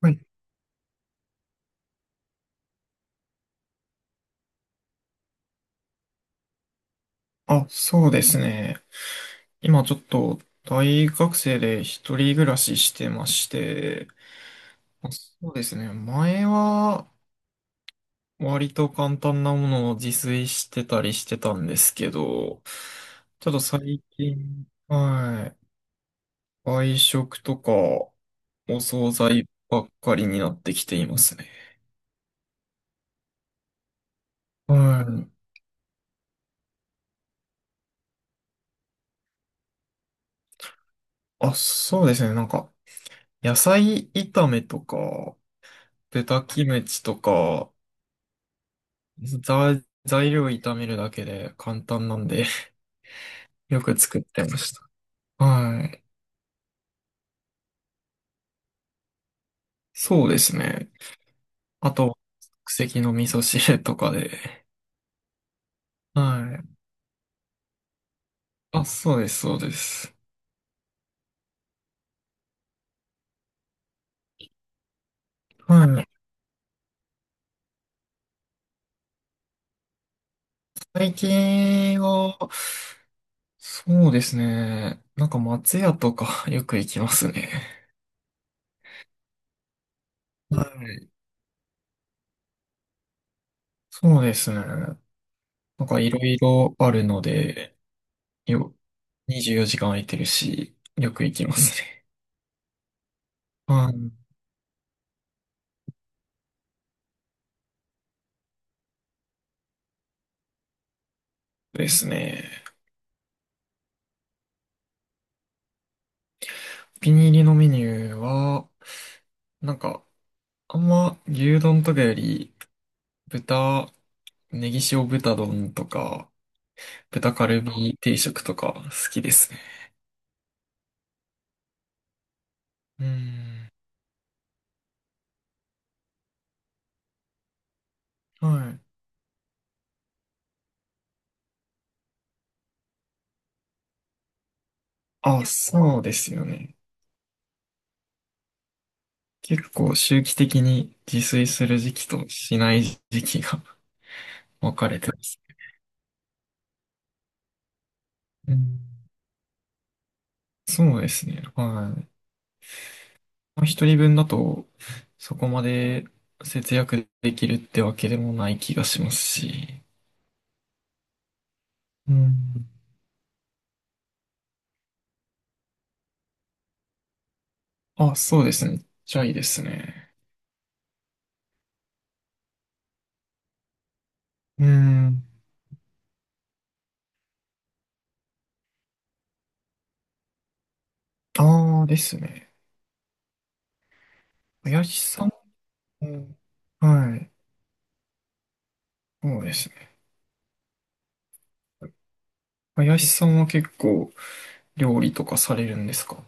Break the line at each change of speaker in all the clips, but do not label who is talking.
はい。あ、そうですね。今ちょっと大学生で一人暮らししてまして、まあそうですね。前は割と簡単なものを自炊してたりしてたんですけど、ちょっと最近、はい、外食とかお惣菜ばっかりになってきていますね。はい。あ、そうですね。なんか、野菜炒めとか、豚キムチとか、ざ材料炒めるだけで簡単なんで よく作ってました。はい。そうですね。あと、即席の味噌汁とかで。はい。あ、そうです、そうです。はい。最近は、そうですね。なんか松屋とか よく行きますね。はい。そうですね。なんかいろいろあるので、よ、24時間空いてるし、よく行きますね。はい。ですね。お気に入りのメニューは、なんか、あんま牛丼とかより、豚、ネギ塩豚丼とか、豚カルビ定食とか好きですね。うん。はい。あ、そうですよね。結構周期的に自炊する時期としない時期が 分かれてます。うん。そうですね。はい。まあ、一人分だと、そこまで節約できるってわけでもない気がしますし。うん。あ、そうですね。めっちゃいいですね。うーん。ああ、ですね。林さんも、はい。そうですね。林さんは結構料理とかされるんですか？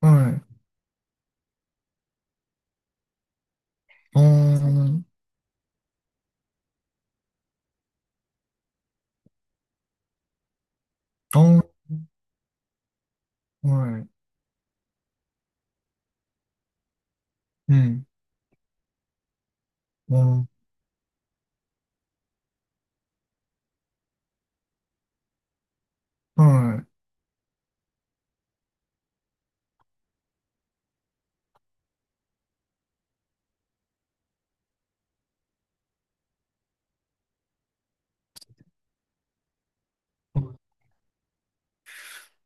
はい。ああ、ああ、はい。うん。あー、はい。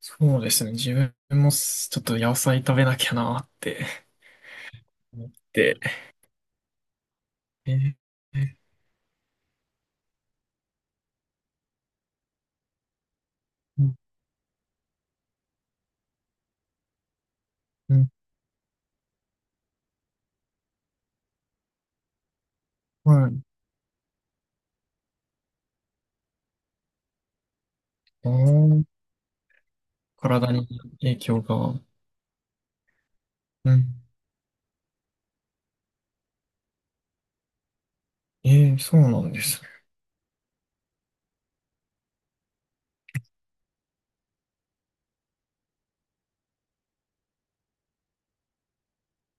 そうですね。自分もちょっと野菜食べなきゃなーって思って。えー、えー、うん、うん、はい。ああ、体に影響が。うん。ええ、そうなんですね。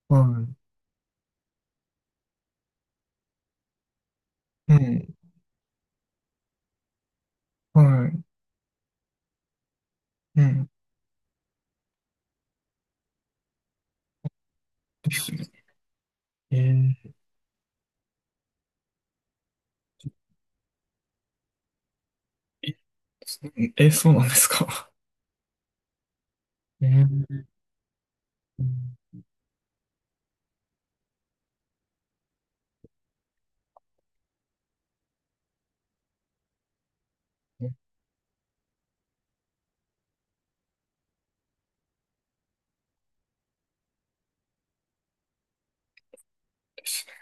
はい。うん。はい。うん。ですね。ええ、そうなんですか？えー、うん、ですね。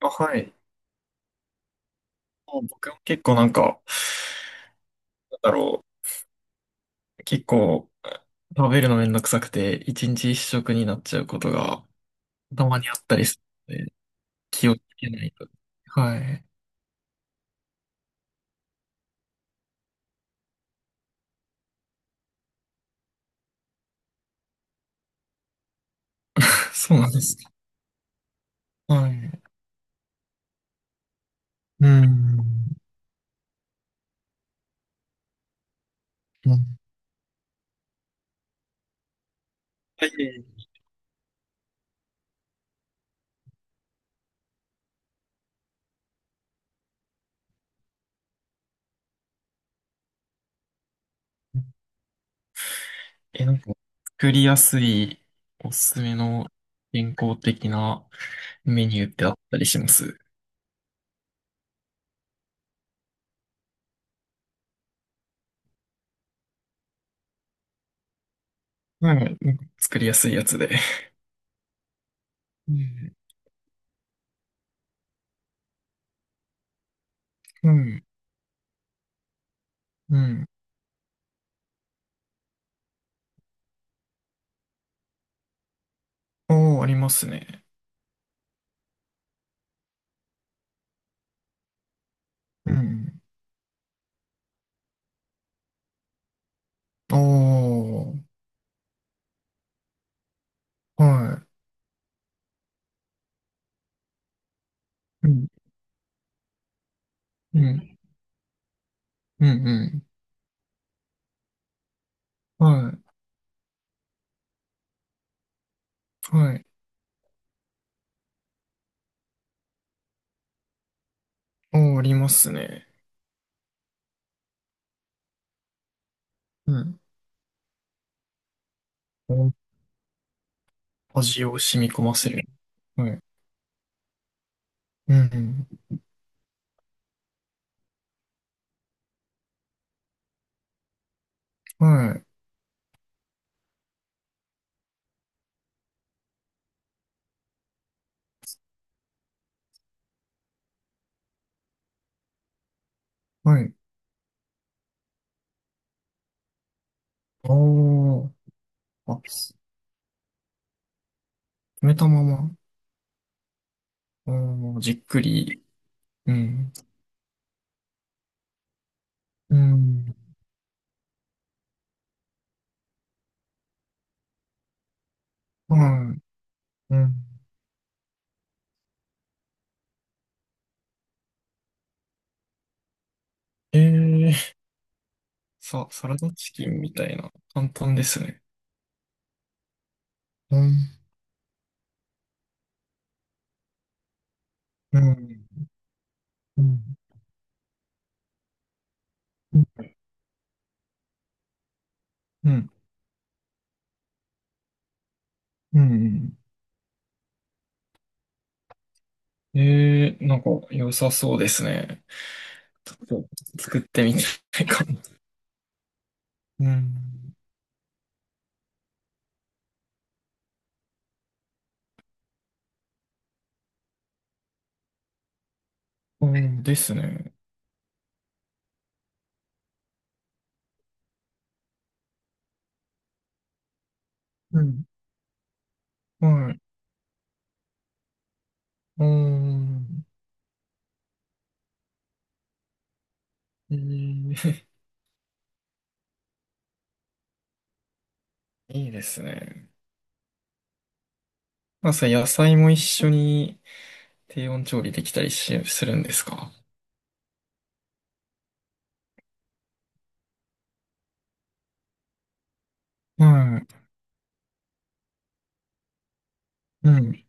あ、はい。もう僕も結構なんか、なんだろう。結構、食べるのめんどくさくて、一日一食になっちゃうことがたまにあったりするので、気をつけないと。はい。そうなんですか。はい。うん。うん。はい。え、なんか、作りやすいおすすめの健康的なメニューってあったりします？はい。なんか作りやすいやつで。うん。うん。うん。おー、ありますね。うん。おー、はい。うん。うん。うん。うん。はい。はい。おー、ありますね。うん。お味を染み込ませる。はい。うん。はい。はい。おー、あ、す止めたまま。おー、じっくり。うん。うん。はい。うん。えー、サラダチキンみたいな。簡単ですね。うん、うん、うん、うん、うん。うん。えー、なんか良さそうですね。ちょっと作ってみたいかも。うん、うん、ですね。うん、はい。うん、えー いいですね。まあ、それ野菜も一緒に低温調理できたりするんですか？はい。うん。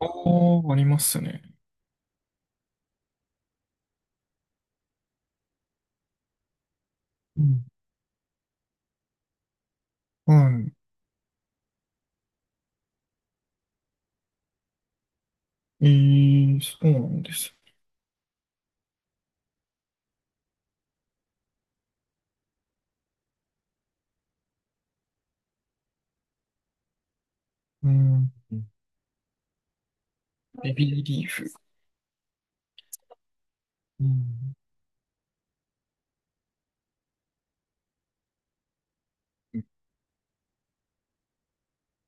ああ、ありますね。うん。はい。えー、そうなんです。うん。ベビーリーフ。うん。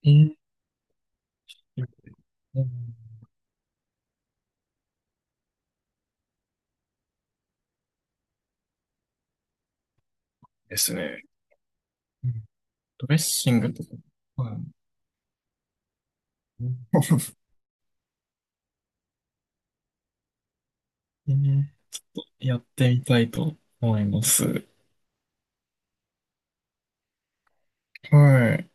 えー、うん、ですね。うん。ドレッシングとか、はい。うん。えーちょっとやってみたいと思います。はい。